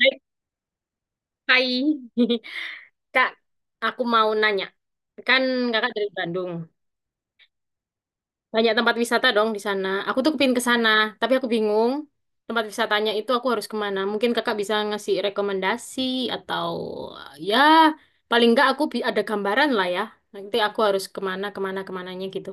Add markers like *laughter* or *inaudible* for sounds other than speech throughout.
Hai, hai. *laughs* Kak, aku mau nanya. Kan kakak dari Bandung. Banyak tempat wisata dong di sana. Aku tuh kepin ke sana, tapi aku bingung tempat wisatanya itu aku harus kemana. Mungkin kakak bisa ngasih rekomendasi atau ya paling nggak ada gambaran lah ya. Nanti aku harus kemana, kemana, kemananya gitu.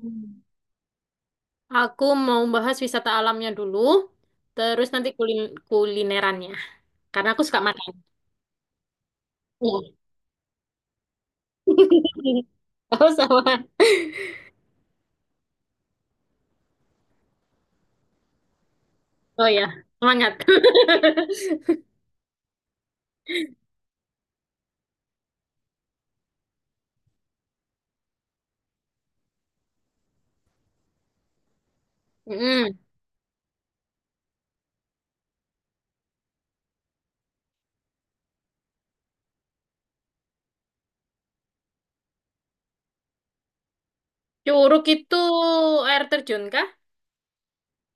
Hmm. Aku mau bahas wisata alamnya dulu, terus nanti kulinerannya. Karena aku suka makan. Iya. *laughs* Oh, sama. Oh ya, semangat. *laughs* Mm. Curug itu air terjun kah?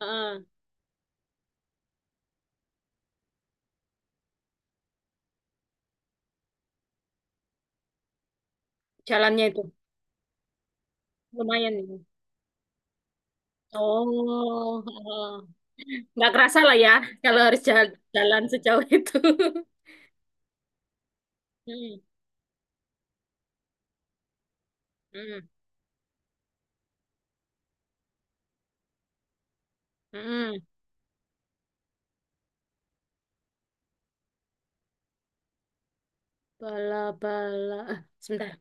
Heeh, jalannya itu lumayan ini. Oh, heeh. Nggak kerasa lah ya kalau harus jalan, jalan sejauh itu. *laughs* Mm, mm, mm. Bala bala. Ah, sebentar.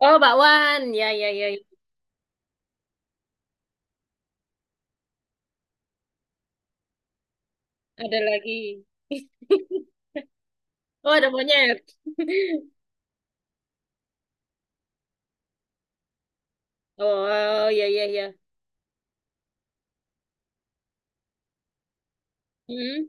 Oh, bakwan. Ya, ya, ya, ya. Ada lagi. *laughs* Oh, ada monyet. *laughs* Oh, ya, ya, ya. Mm.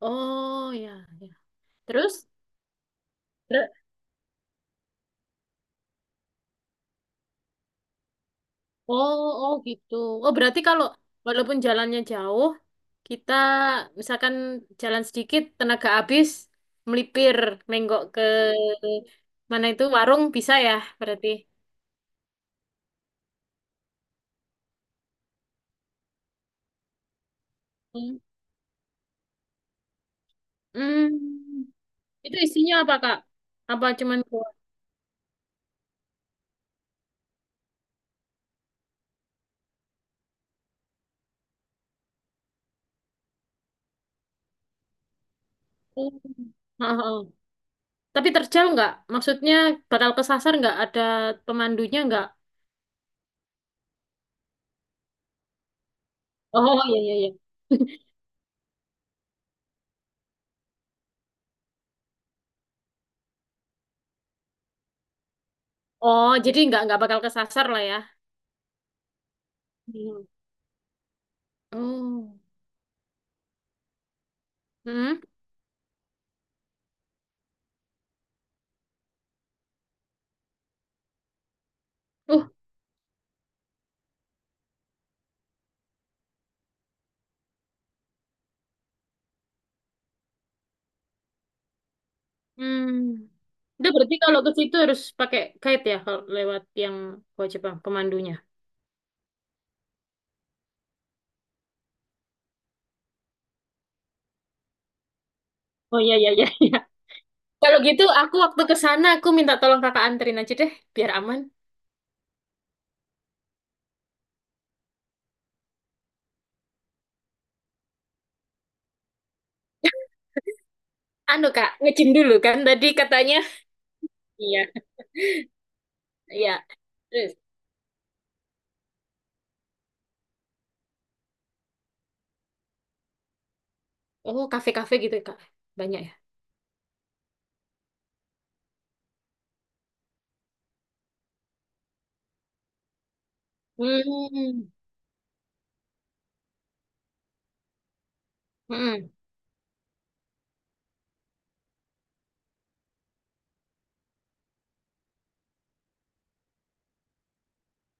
Oh, ya, ya. Terus? Oh, oh gitu. Oh, berarti kalau walaupun jalannya jauh, kita misalkan jalan sedikit, tenaga habis, melipir, menggok ke mana itu warung bisa ya, berarti. Hmm. Hmm. Itu isinya apa, Kak? Apa cuman buah? Oh. Oh, oh. Tapi terjal nggak? Maksudnya bakal kesasar nggak? Ada pemandunya nggak? Oh, iya, iya, iya. *laughs* Oh, jadi nggak bakal kesasar lah ya. Hmm. Oh. Hmm. uh. Hmm. Itu berarti kalau ke situ harus pakai guide ya kalau lewat yang gua Jepang pemandunya. Oh, iya, iya, iya, iya. Kalau gitu aku waktu ke sana aku minta tolong kakak anterin aja deh biar aman. *laughs* Anu kak, ngejim dulu kan tadi katanya. Iya, iya. Terus, oh kafe-kafe gitu kak, banyak ya. Hmm. Mm-mm.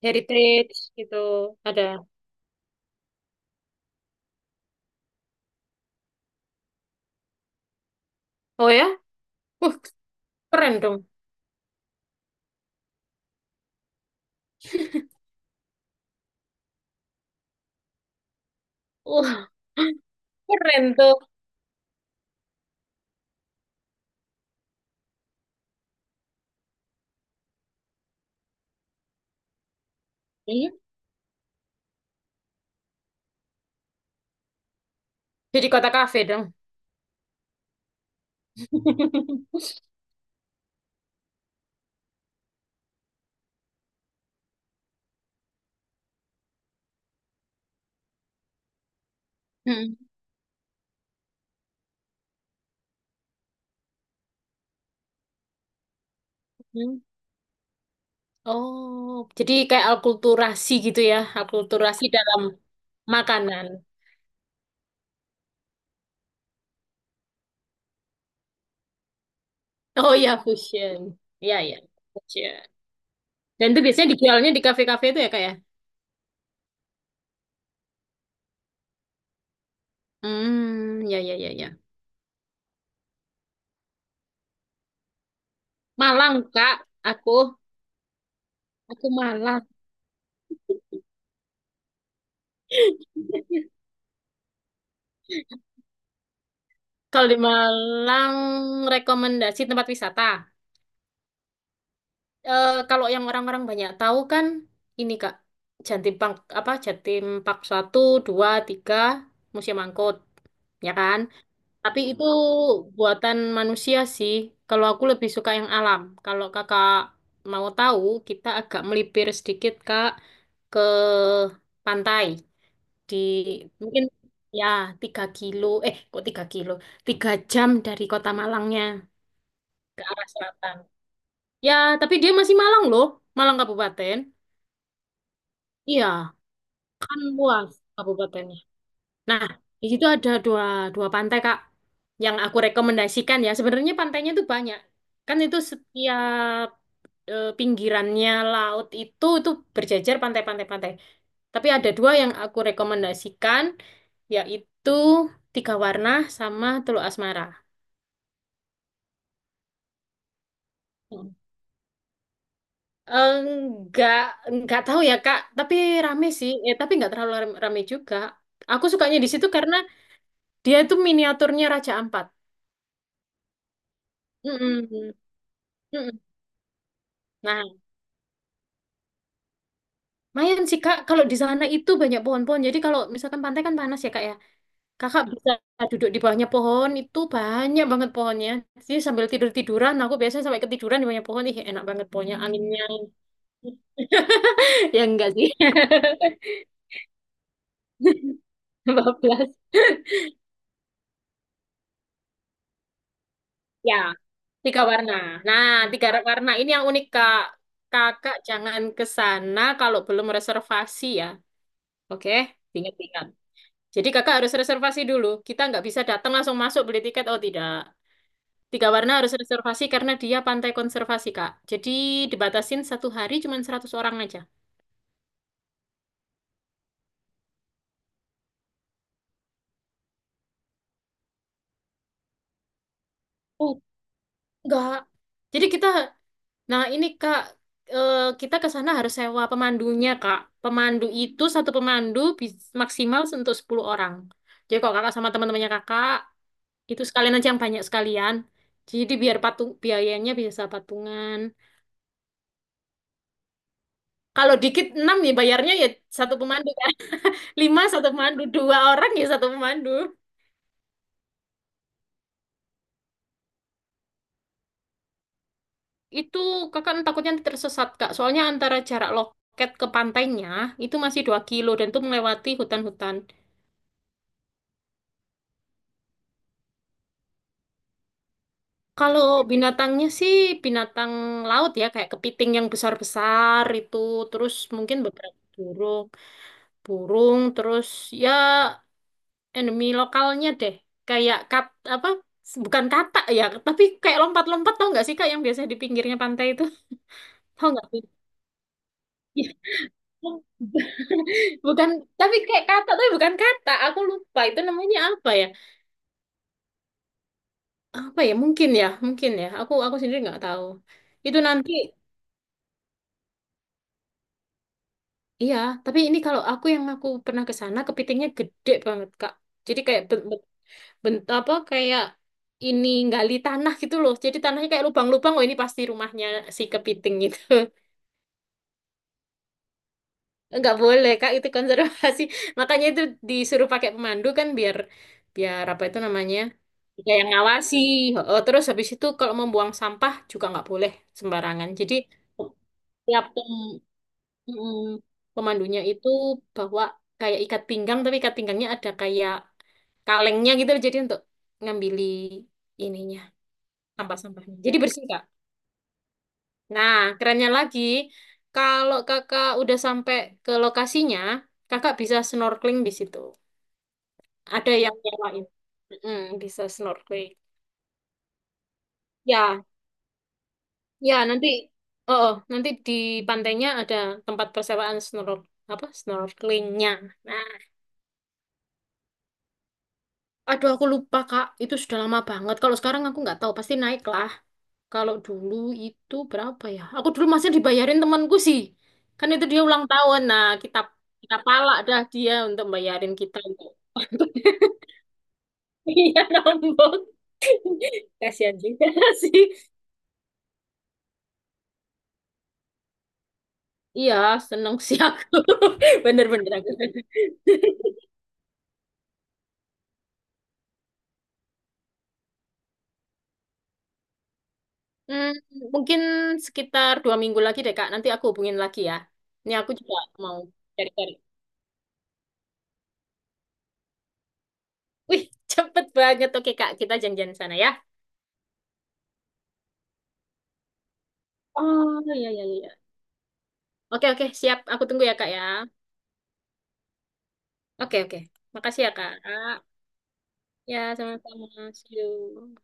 Heritage gitu ada. Oh, ya? Wah, keren dong. Wah, *laughs* keren tuh. Hmm. Jadi kota kafe dong. *laughs* Hmm. Oh, jadi kayak alkulturasi gitu ya, alkulturasi dalam makanan. Oh ya, fusion. Ya ya, fusion. Dan itu biasanya dijualnya di kafe-kafe itu ya, Kak ya? Hmm, ya, ya, ya, ya. Malang, Kak. Aku aku Malang. Kalau di Malang rekomendasi tempat wisata. Eh, kalau yang orang-orang banyak tahu kan ini, Kak. Jatim Pak apa Jatim Pak 1, 2, 3 Museum Angkut. Ya kan? Tapi itu buatan manusia sih. Kalau aku lebih suka yang alam. Kalau kakak mau tahu, kita agak melipir sedikit kak ke pantai di mungkin ya 3 kilo. Eh, kok 3 kilo? 3 jam dari kota Malangnya ke arah selatan. Ya, tapi dia masih Malang loh, Malang Kabupaten. Iya, kan luas Kabupaten. Nah, di situ ada dua, dua pantai, Kak, yang aku rekomendasikan ya. Sebenarnya pantainya tuh banyak. Kan itu setiap pinggirannya laut itu berjajar pantai-pantai-pantai. Tapi ada dua yang aku rekomendasikan, yaitu Tiga Warna sama Teluk Asmara. Hmm. Enggak, enggak tahu ya, Kak. Tapi rame sih. Eh, tapi enggak terlalu rame juga. Aku sukanya di situ karena dia itu miniaturnya Raja Ampat. Mm-mm. Mm-mm. Nah, lumayan sih Kak, kalau di sana itu banyak pohon-pohon. Jadi kalau misalkan pantai kan panas ya Kak ya. Kakak bisa duduk di bawahnya pohon, itu banyak banget pohonnya. Jadi sambil tidur-tiduran, aku biasanya sampai ketiduran di bawahnya pohon. Ih, enak banget pohonnya, anginnya. *laughs* Ya enggak sih, *laughs* 12. Ya, tiga warna. Nah, tiga warna ini yang unik Kak. Kakak jangan ke sana kalau belum reservasi ya. Oke, ingat-ingat. Jadi kakak harus reservasi dulu. Kita nggak bisa datang langsung masuk beli tiket. Oh, tidak. Tiga warna harus reservasi karena dia pantai konservasi, Kak. Jadi dibatasin satu hari cuma 100 orang aja. Oh, enggak. Jadi kita, nah ini Kak, kita ke sana harus sewa pemandunya, Kak. Pemandu itu satu pemandu maksimal untuk 10 orang. Jadi kalau Kakak sama teman-temannya Kakak, itu sekalian aja yang banyak sekalian. Jadi biar biayanya bisa patungan. Kalau dikit enam nih bayarnya ya satu pemandu kan. *laughs* Lima satu pemandu, dua orang ya satu pemandu. Itu kakak takutnya nanti tersesat kak. Soalnya antara jarak loket ke pantainya itu masih 2 kilo dan itu melewati hutan-hutan. Kalau binatangnya sih binatang laut ya kayak kepiting yang besar-besar itu. Terus mungkin beberapa burung, burung. Terus ya endemi lokalnya deh. Kayak apa? Bukan katak ya, tapi kayak lompat-lompat tau nggak sih kak yang biasa di pinggirnya pantai itu? Tau nggak sih? Iya. Bukan, tapi kayak kata, tapi bukan kata. Aku lupa itu namanya apa ya? Apa ya? Mungkin ya, mungkin ya. Aku sendiri nggak tahu. Itu nanti, iya. Tapi ini kalau aku yang aku pernah ke sana, kepitingnya gede banget, Kak. Jadi kayak bent, bent, bent- apa kayak ini gali tanah gitu loh. Jadi tanahnya kayak lubang-lubang. Oh ini pasti rumahnya si kepiting gitu. Nggak boleh Kak, itu konservasi. *laughs* Makanya itu disuruh pakai pemandu kan biar biar apa itu namanya? Dia yang ngawasi. Oh, terus habis itu kalau membuang sampah juga nggak boleh sembarangan. Jadi tiap mm, pemandunya itu bawa kayak ikat pinggang tapi ikat pinggangnya ada kayak kalengnya gitu loh. Jadi untuk ngambili ininya sampah-sampahnya. Jadi bersih Kak. Nah, kerennya lagi, kalau kakak udah sampai ke lokasinya, kakak bisa snorkeling di situ. Ada yang nyewain. Bisa snorkeling. Ya, ya nanti, oh, oh, nanti di pantainya ada tempat persewaan snorkelingnya. Nah, aduh aku lupa Kak, itu sudah lama banget. Kalau sekarang aku nggak tahu, pasti naik lah. Kalau dulu itu berapa ya? Aku dulu masih dibayarin temanku sih. Kan itu dia ulang tahun. Nah, kita kita palak dah dia untuk bayarin kita untuk *laughs* iya, nombok. Kasihan juga *laughs* sih. Iya, seneng sih aku. *laughs* Bener-bener aku. Hmm, mungkin sekitar 2 minggu lagi deh, Kak. Nanti aku hubungin lagi ya. Ini aku juga mau cari-cari. Wih, cepet banget. Oke, Kak. Kita janjian sana ya. Oh, iya, iya, iya. Oke, oke. Siap. Aku tunggu ya, Kak, ya. Oke, oke. Makasih ya, Kak. Ya, sama-sama. See you.